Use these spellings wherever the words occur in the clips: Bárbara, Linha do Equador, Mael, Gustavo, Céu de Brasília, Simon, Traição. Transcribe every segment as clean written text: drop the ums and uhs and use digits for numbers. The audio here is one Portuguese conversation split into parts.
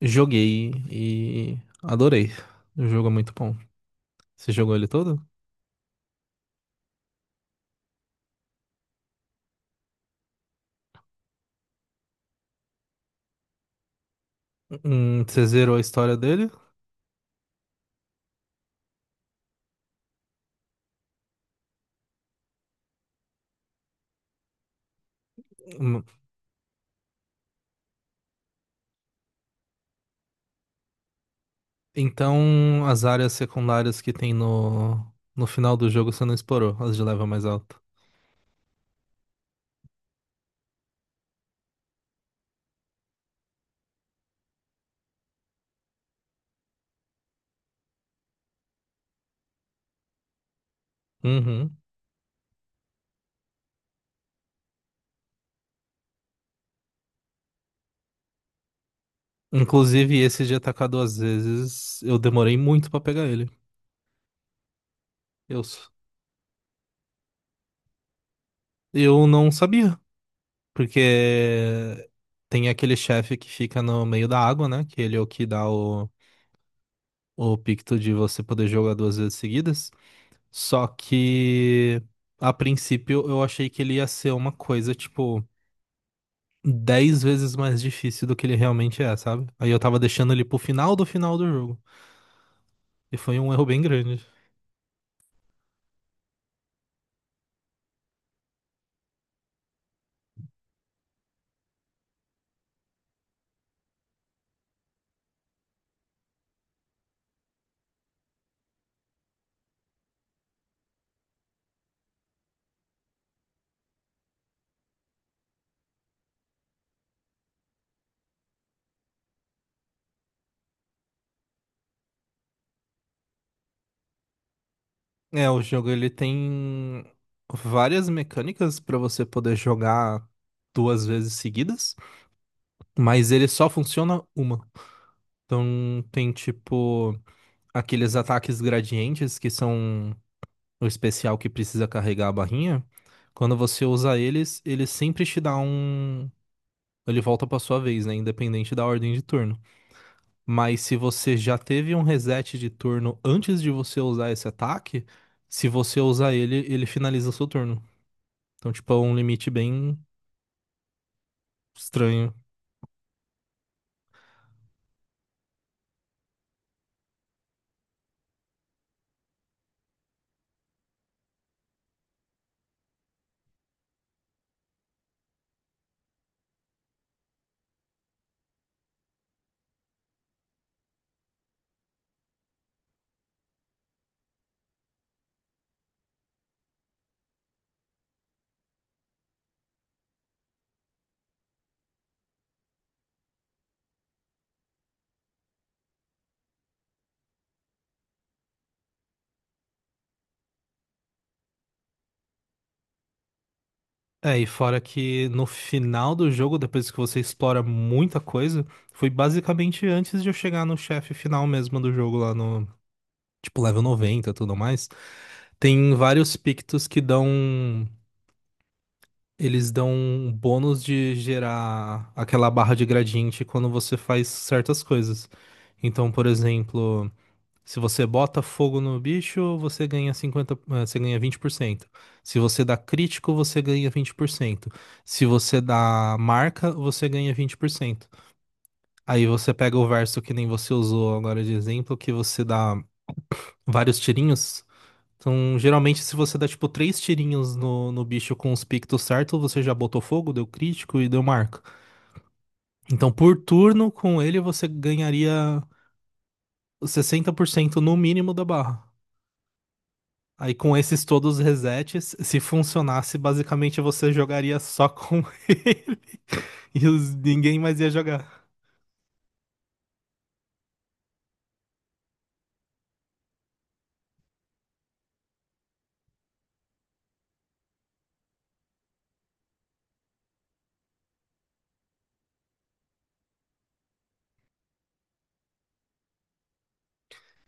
Joguei e adorei. O jogo é muito bom. Você jogou ele todo? Você zerou a história dele? Hum. Então, as áreas secundárias que tem no final do jogo você não explorou, as de level mais alto. Uhum. Inclusive, esse de atacar duas vezes, eu demorei muito pra pegar ele. Eu, s- eu não sabia, porque tem aquele chefe que fica no meio da água, né? Que ele é o que dá o picto de você poder jogar duas vezes seguidas. Só que a princípio eu achei que ele ia ser uma coisa, tipo, 10 vezes mais difícil do que ele realmente é, sabe? Aí eu tava deixando ele pro final do jogo. E foi um erro bem grande. É, o jogo ele tem várias mecânicas pra você poder jogar duas vezes seguidas, mas ele só funciona uma. Então tem tipo aqueles ataques gradientes que são o especial que precisa carregar a barrinha, quando você usa eles, ele sempre te dá um. Ele volta pra sua vez, né? Independente da ordem de turno. Mas se você já teve um reset de turno antes de você usar esse ataque, se você usar ele, ele finaliza o seu turno. Então, tipo, é um limite bem estranho. É, e fora que no final do jogo, depois que você explora muita coisa, foi basicamente antes de eu chegar no chefe final mesmo do jogo lá no, tipo, level 90 e tudo mais. Tem vários pictos que dão. Eles dão um bônus de gerar aquela barra de gradiente quando você faz certas coisas. Então, por exemplo, se você bota fogo no bicho, você ganha você ganha vinte por cento. Se você dá crítico, você ganha vinte por cento. Se você dá marca, você ganha vinte por cento. Aí você pega o verso que nem você usou agora de exemplo, que você dá vários tirinhos. Então, geralmente, se você dá, tipo, três tirinhos no bicho com os pictos certos, você já botou fogo, deu crítico e deu marca. Então, por turno, com ele, você ganharia os 60% no mínimo da barra. Aí, com esses todos os resets, se funcionasse, basicamente, você jogaria só com ele e os- ninguém mais ia jogar.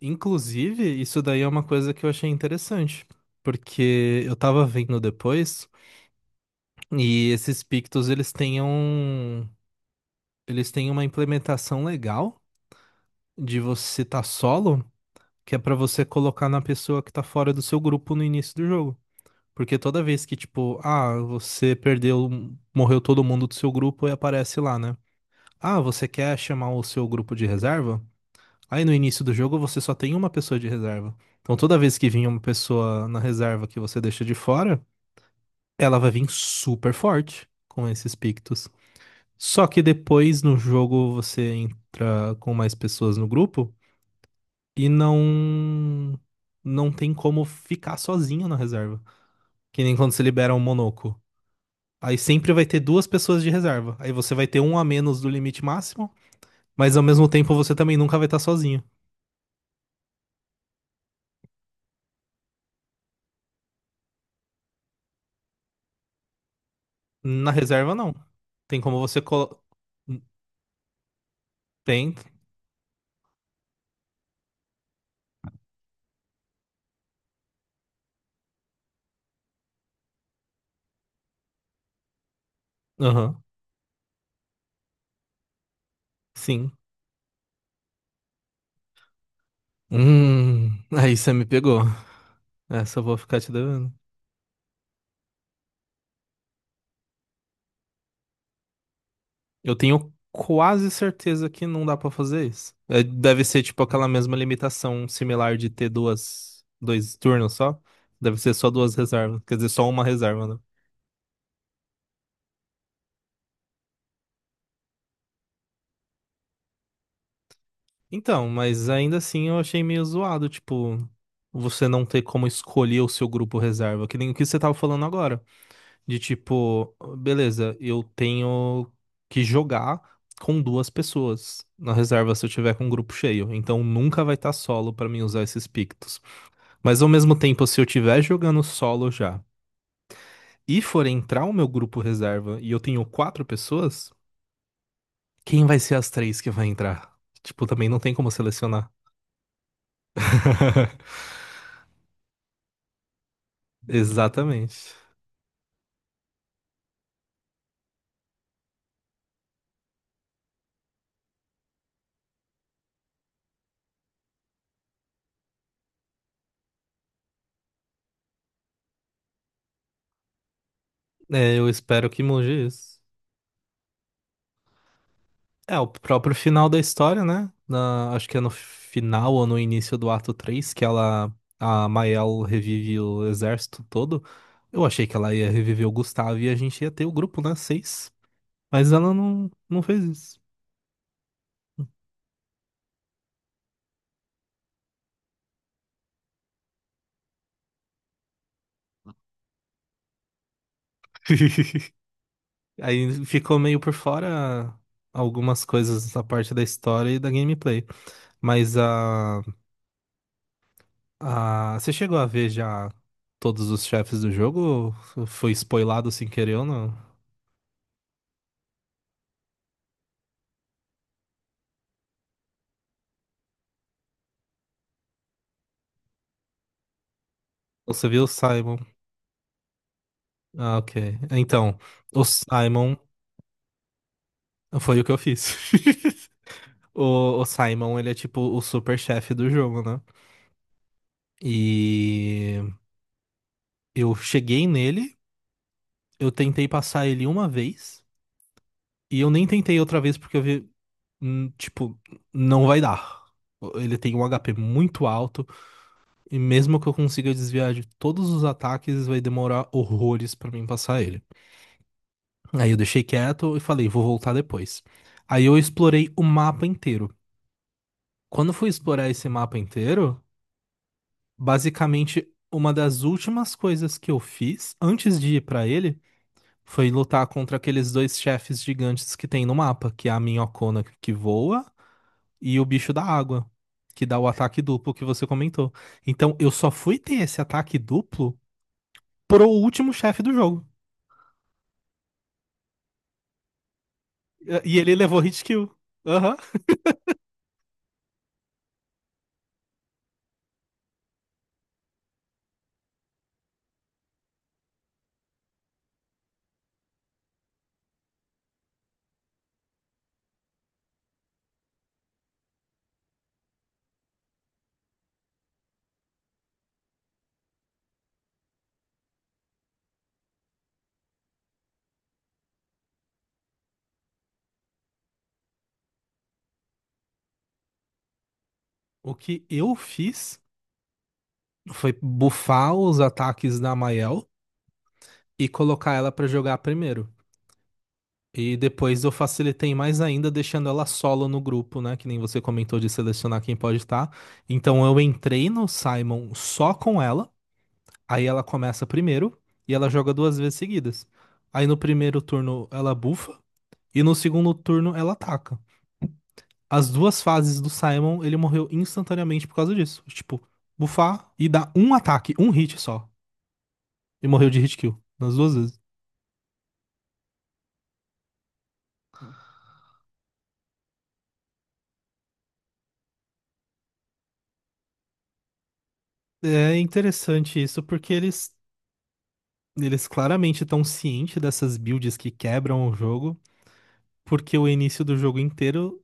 Inclusive, isso daí é uma coisa que eu achei interessante, porque eu tava vendo depois. E esses pictos, eles têm um Eles têm uma implementação legal de você tá solo, que é pra você colocar na pessoa que tá fora do seu grupo no início do jogo. Porque toda vez que, tipo, ah, você perdeu, morreu todo mundo do seu grupo e aparece lá, né? Ah, você quer chamar o seu grupo de reserva? Aí no início do jogo você só tem uma pessoa de reserva. Então toda vez que vinha uma pessoa na reserva que você deixa de fora, ela vai vir super forte com esses pictos. Só que depois no jogo você entra com mais pessoas no grupo e não tem como ficar sozinho na reserva. Que nem quando você libera um monoco. Aí sempre vai ter duas pessoas de reserva. Aí você vai ter um a menos do limite máximo, mas ao mesmo tempo você também nunca vai estar sozinho. Na reserva não. Tem como você colo... tem. Aham. Sim. Hum, aí você me pegou. Essa eu vou ficar te devendo. Eu tenho quase certeza que não dá pra fazer isso. É, deve ser tipo aquela mesma limitação similar de ter dois turnos só. Deve ser só duas reservas, quer dizer, só uma reserva, né? Então, mas ainda assim eu achei meio zoado, tipo, você não ter como escolher o seu grupo reserva, que nem o que você tava falando agora, de tipo, beleza, eu tenho que jogar com duas pessoas na reserva se eu tiver com um grupo cheio, então nunca vai estar solo pra mim usar esses pictos. Mas ao mesmo tempo, se eu estiver jogando solo já e for entrar o meu grupo reserva e eu tenho quatro pessoas, quem vai ser as três que vai entrar? Tipo, também não tem como selecionar. Exatamente. É, eu espero que mude isso. É, o próprio final da história, né? Acho que é no final ou no início do ato 3 que a Mael revive o exército todo. Eu achei que ela ia reviver o Gustavo e a gente ia ter o grupo, né? Seis. Mas ela não fez isso. Aí ficou meio por fora algumas coisas da parte da história e da gameplay. Mas a, você chegou a ver já todos os chefes do jogo? Ou foi spoilado sem querer ou não? Ou você viu o Simon? Ah, ok. Então, o Simon foi o que eu fiz. O Simon, ele é tipo o super chefe do jogo, né? E eu cheguei nele, eu tentei passar ele uma vez. E eu nem tentei outra vez porque eu vi, tipo, não vai dar. Ele tem um HP muito alto e mesmo que eu consiga desviar de todos os ataques, vai demorar horrores pra mim passar ele. Aí eu deixei quieto e falei, vou voltar depois. Aí eu explorei o mapa inteiro. Quando eu fui explorar esse mapa inteiro, basicamente uma das últimas coisas que eu fiz antes de ir pra ele foi lutar contra aqueles dois chefes gigantes que tem no mapa, que é a Minhocona que voa e o bicho da água, que dá o ataque duplo que você comentou. Então, eu só fui ter esse ataque duplo pro último chefe do jogo. E ele levou hit kill. Aham. O que eu fiz foi bufar os ataques da Mael e colocar ela pra jogar primeiro. E depois eu facilitei mais ainda, deixando ela solo no grupo, né? Que nem você comentou de selecionar quem pode estar. Então eu entrei no Simon só com ela. Aí ela começa primeiro e ela joga duas vezes seguidas. Aí no primeiro turno ela bufa e no segundo turno ela ataca. As duas fases do Simon, ele morreu instantaneamente por causa disso. Tipo, bufar e dar um ataque, um hit só. E morreu de hit kill nas duas vezes. É interessante isso porque eles claramente estão cientes dessas builds que quebram o jogo, porque o início do jogo inteiro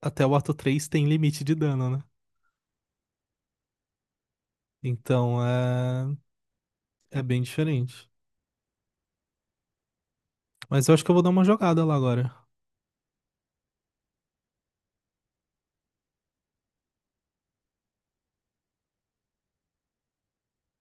até o ato 3 tem limite de dano, né? Então é bem diferente. Mas eu acho que eu vou dar uma jogada lá agora.